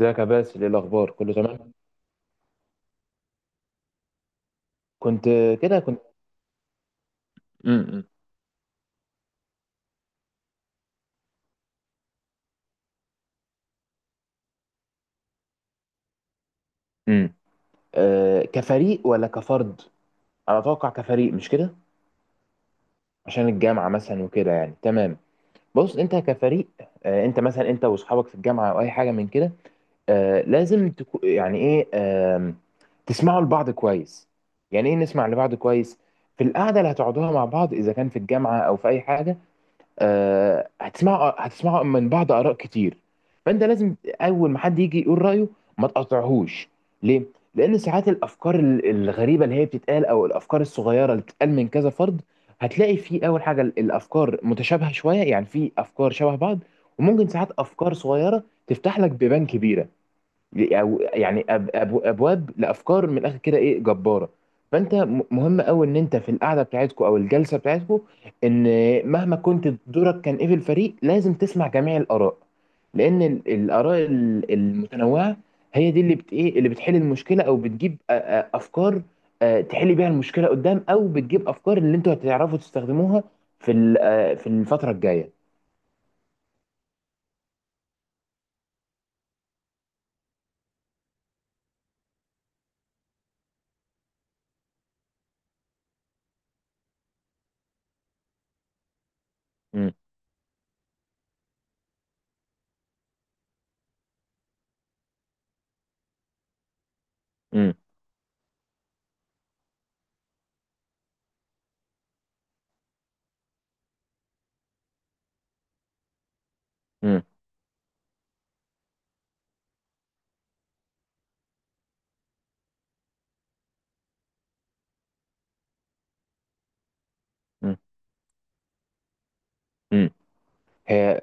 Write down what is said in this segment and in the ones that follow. ازيك يا باسل، ايه الاخبار، كله تمام؟ كنت كده كنت. امم امم آه، كفريق ولا كفرد؟ انا اتوقع كفريق، مش كده؟ عشان الجامعه مثلا وكده، يعني تمام. بص، انت كفريق. انت مثلا انت واصحابك في الجامعه او اي حاجه من كده. لازم يعني ايه، تسمعوا لبعض كويس. يعني ايه نسمع لبعض كويس؟ في القعده اللي هتقعدوها مع بعض، اذا كان في الجامعه او في اي حاجه، هتسمعوا من بعض اراء كتير. فانت لازم، اول ما حد يجي يقول رايه، ما تقاطعهوش. ليه؟ لان ساعات الافكار الغريبه اللي هي بتتقال، او الافكار الصغيره اللي بتتقال من كذا فرد، هتلاقي في اول حاجه الافكار متشابهه شويه، يعني في افكار شبه بعض. وممكن ساعات افكار صغيره تفتح لك بيبان كبيره، يعني أب أب ابواب لافكار من الاخر كده ايه جباره. فانت مهم قوي ان انت في القعده بتاعتكو او الجلسه بتاعتكو، ان مهما كنت دورك كان ايه في الفريق، لازم تسمع جميع الاراء. لان الاراء المتنوعه هي دي اللي بت ايه اللي بتحل المشكله، او بتجيب افكار. تحل بيها المشكله قدام، او بتجيب افكار اللي انتوا هتعرفوا تستخدموها في ال- أ، في الفتره الجايه. امم امم امم امم هي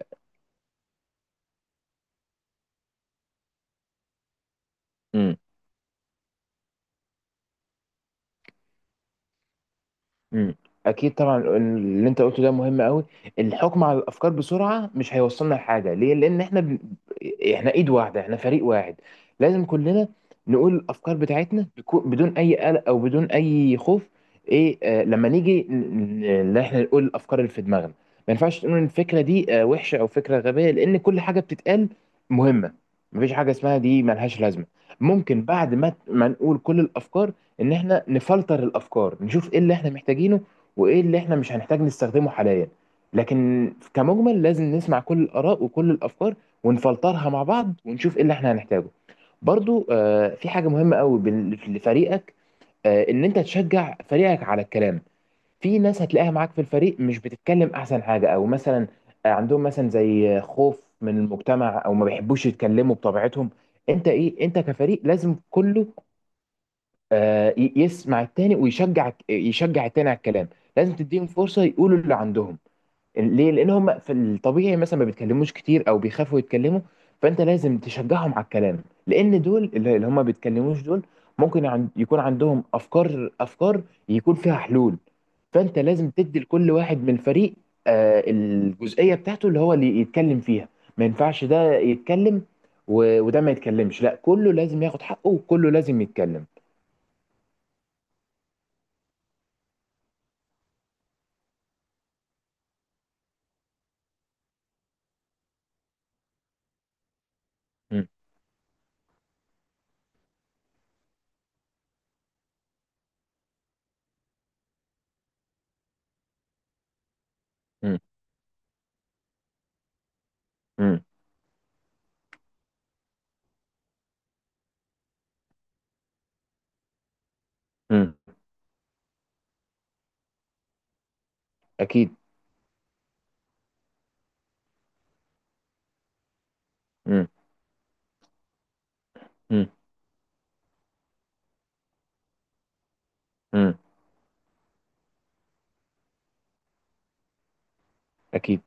مم. اكيد طبعا، اللي انت قلته ده مهم قوي. الحكم على الافكار بسرعه مش هيوصلنا لحاجه. ليه؟ لان احنا احنا ايد واحده، احنا فريق واحد. لازم كلنا نقول الافكار بتاعتنا بدون اي قلق او بدون اي خوف. ايه آه لما نيجي ان احنا نقول الافكار اللي في دماغنا. ما ينفعش تقول ان الفكره دي وحشه او فكره غبيه، لان كل حاجه بتتقال مهمه. مفيش حاجه اسمها دي ملهاش لازمه. ممكن بعد ما نقول كل الافكار، ان احنا نفلتر الافكار، نشوف ايه اللي احنا محتاجينه وايه اللي احنا مش هنحتاج نستخدمه حاليا. لكن كمجمل، لازم نسمع كل الاراء وكل الافكار، ونفلترها مع بعض، ونشوف ايه اللي احنا هنحتاجه. برضو، في حاجة مهمة قوي لفريقك، ان انت تشجع فريقك على الكلام. في ناس هتلاقيها معاك في الفريق مش بتتكلم احسن حاجة، او مثلا عندهم مثلا زي خوف من المجتمع، او ما بيحبوش يتكلموا بطبيعتهم. انت ايه انت كفريق لازم كله، يسمع التاني، ويشجع التاني على الكلام. لازم تديهم فرصة يقولوا اللي عندهم. ليه؟ لان هم في الطبيعي مثلا ما بيتكلموش كتير، او بيخافوا يتكلموا. فانت لازم تشجعهم على الكلام، لان دول اللي هم ما بيتكلموش دول ممكن يكون عندهم افكار يكون فيها حلول. فانت لازم تدي لكل واحد من الفريق الجزئية بتاعته اللي هو اللي يتكلم فيها. ما ينفعش ده يتكلم وده ما يتكلمش، لا، كله لازم ياخد حقه وكله لازم يتكلم. مم. مم. مم. أكيد. مم. مم. مم. أكيد.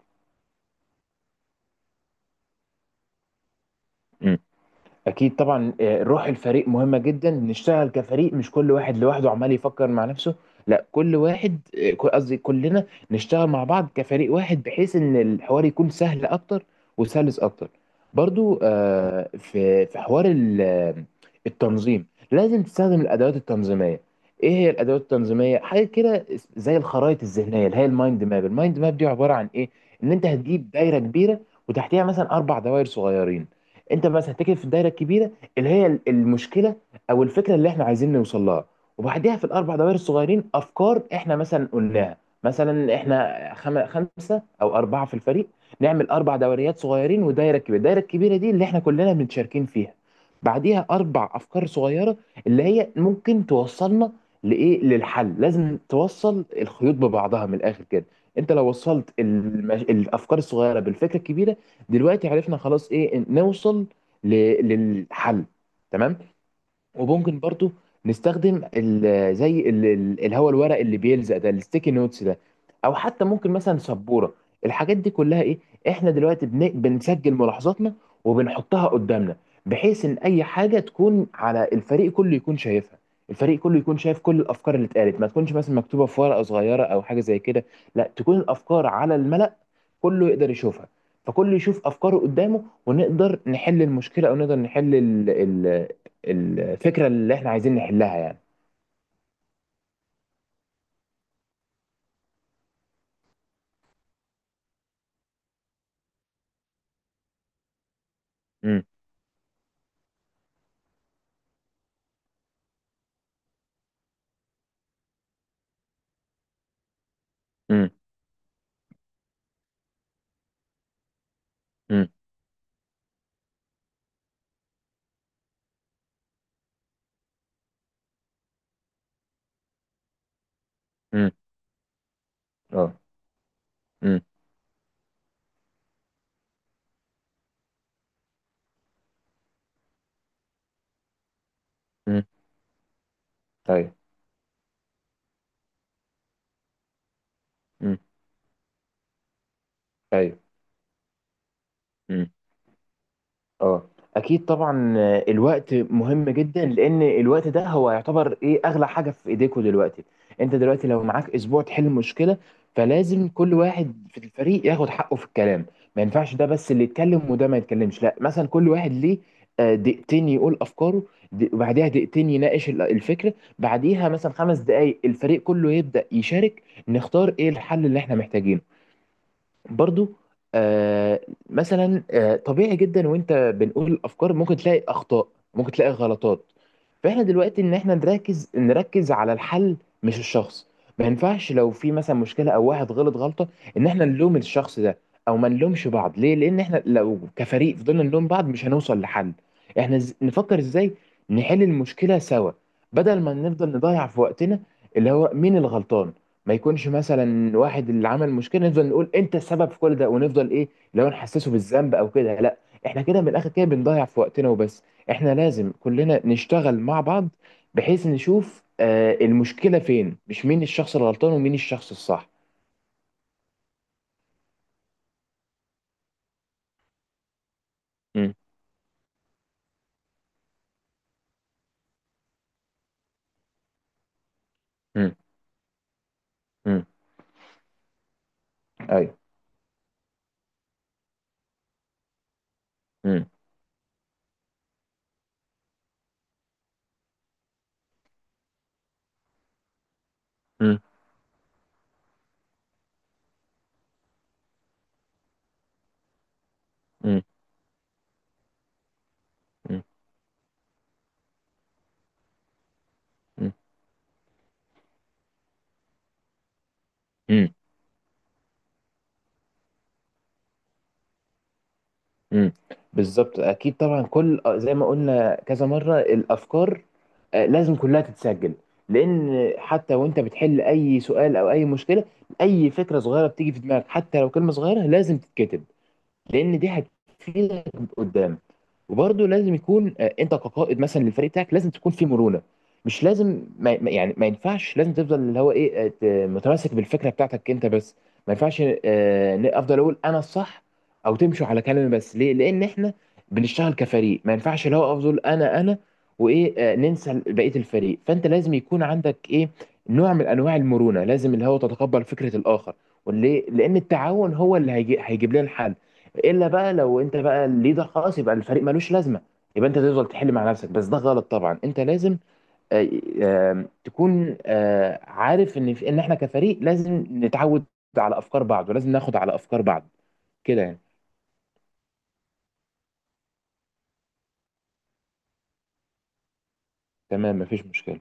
مم. اكيد طبعا، روح الفريق مهمه جدا، نشتغل كفريق مش كل واحد لوحده عمال يفكر مع نفسه. لا، كل واحد قصدي كلنا نشتغل مع بعض كفريق واحد، بحيث ان الحوار يكون سهل اكتر وسلس اكتر. برضو، في حوار التنظيم. لازم تستخدم الادوات التنظيميه. ايه هي الادوات التنظيميه؟ حاجه كده زي الخرائط الذهنيه اللي هي المايند ماب. المايند ماب دي عباره عن ايه؟ ان انت هتجيب دايره كبيره، وتحتيها مثلا اربع دوائر صغيرين. انت بس هتتكلم في الدايره الكبيره، اللي هي المشكله او الفكره اللي احنا عايزين نوصل لها. وبعديها في الاربع دوائر الصغيرين افكار احنا مثلا قلناها. مثلا احنا خمسه او اربعه في الفريق، نعمل اربع دوريات صغيرين ودايره كبيره. الدايره الكبيره دي اللي احنا كلنا متشاركين فيها، بعديها اربع افكار صغيره اللي هي ممكن توصلنا للحل. لازم توصل الخيوط ببعضها من الاخر كده. انت لو وصلت الافكار الصغيره بالفكره الكبيره، دلوقتي عرفنا خلاص ايه نوصل للحل. تمام. وممكن برضو نستخدم زي الهواء، الورق اللي بيلزق ده، الستيكي نوتس ده، او حتى ممكن مثلا سبوره. الحاجات دي كلها ايه؟ احنا دلوقتي بنسجل ملاحظاتنا وبنحطها قدامنا، بحيث ان اي حاجه تكون على الفريق كله يكون شايفها. الفريق كله يكون شايف كل الافكار اللي اتقالت، ما تكونش مثلا مكتوبه في ورقه صغيره او حاجه زي كده. لا، تكون الافكار على الملأ، كله يقدر يشوفها. فكله يشوف افكاره قدامه ونقدر نحل المشكله، او نقدر نحل الفكره اللي احنا عايزين نحلها يعني. امم امم امم امم اه. امم طيب. امم طيب. اه. اكيد طبعا، الوقت مهم جدا، لان الوقت ده هو يعتبر اغلى حاجه في ايديكوا دلوقتي. انت دلوقتي لو معاك اسبوع تحل مشكله، فلازم كل واحد في الفريق ياخد حقه في الكلام. ما ينفعش ده بس اللي يتكلم وده ما يتكلمش، لا، مثلا كل واحد ليه دقيقتين يقول افكاره، وبعديها دقيقتين يناقش الفكره، بعديها مثلا 5 دقائق الفريق كله يبدا يشارك، نختار ايه الحل اللي احنا محتاجينه. برضو، آه مثلا طبيعي جدا وانت بنقول الافكار ممكن تلاقي اخطاء، ممكن تلاقي غلطات. فاحنا دلوقتي ان احنا نركز على الحل، مش الشخص. ما ينفعش لو في مثلا مشكله او واحد غلط غلطه ان احنا نلوم الشخص ده، او ما نلومش بعض. ليه؟ لان احنا لو كفريق فضلنا نلوم بعض مش هنوصل لحل. احنا نفكر ازاي نحل المشكله سوا، بدل ما نفضل نضيع في وقتنا اللي هو مين الغلطان. ما يكونش مثلا واحد اللي عمل مشكله نفضل نقول انت السبب في كل ده، ونفضل ايه لو نحسسه بالذنب او كده. لا، احنا كده من الاخر كده بنضيع في وقتنا وبس. احنا لازم كلنا نشتغل مع بعض، بحيث نشوف المشكله فين، مش مين الشخص الغلطان ومين الشخص الصح. امم امم امم ايوه. امم امم امم امم بالظبط. اكيد طبعا، كل زي ما قلنا كذا مره، الافكار لازم كلها تتسجل. لان حتى وانت بتحل اي سؤال او اي مشكله، اي فكره صغيره بتيجي في دماغك، حتى لو كلمه صغيره، لازم تتكتب، لان دي هتفيدك قدام. وبرضه لازم يكون انت كقائد مثلا للفريق بتاعك لازم تكون في مرونه. مش لازم يعني ما ينفعش لازم تفضل اللي هو متمسك بالفكره بتاعتك انت بس. ما ينفعش افضل اقول انا الصح، او تمشوا على كلامي بس. ليه؟ لان احنا بنشتغل كفريق، ما ينفعش اللي هو افضل انا وايه ننسى بقيه الفريق. فانت لازم يكون عندك ايه، نوع من انواع المرونه، لازم اللي هو تتقبل فكره الاخر، واللي لان التعاون هو اللي هيجيب لنا الحل. الا بقى لو انت بقى الليدر خلاص، يبقى الفريق ملوش لازمه، يبقى انت تفضل تحل مع نفسك بس، ده غلط طبعا. انت لازم آه، تكون عارف ان ان احنا كفريق لازم نتعود على افكار بعض، ولازم ناخد على افكار بعض كده يعني. تمام، مفيش مشكله.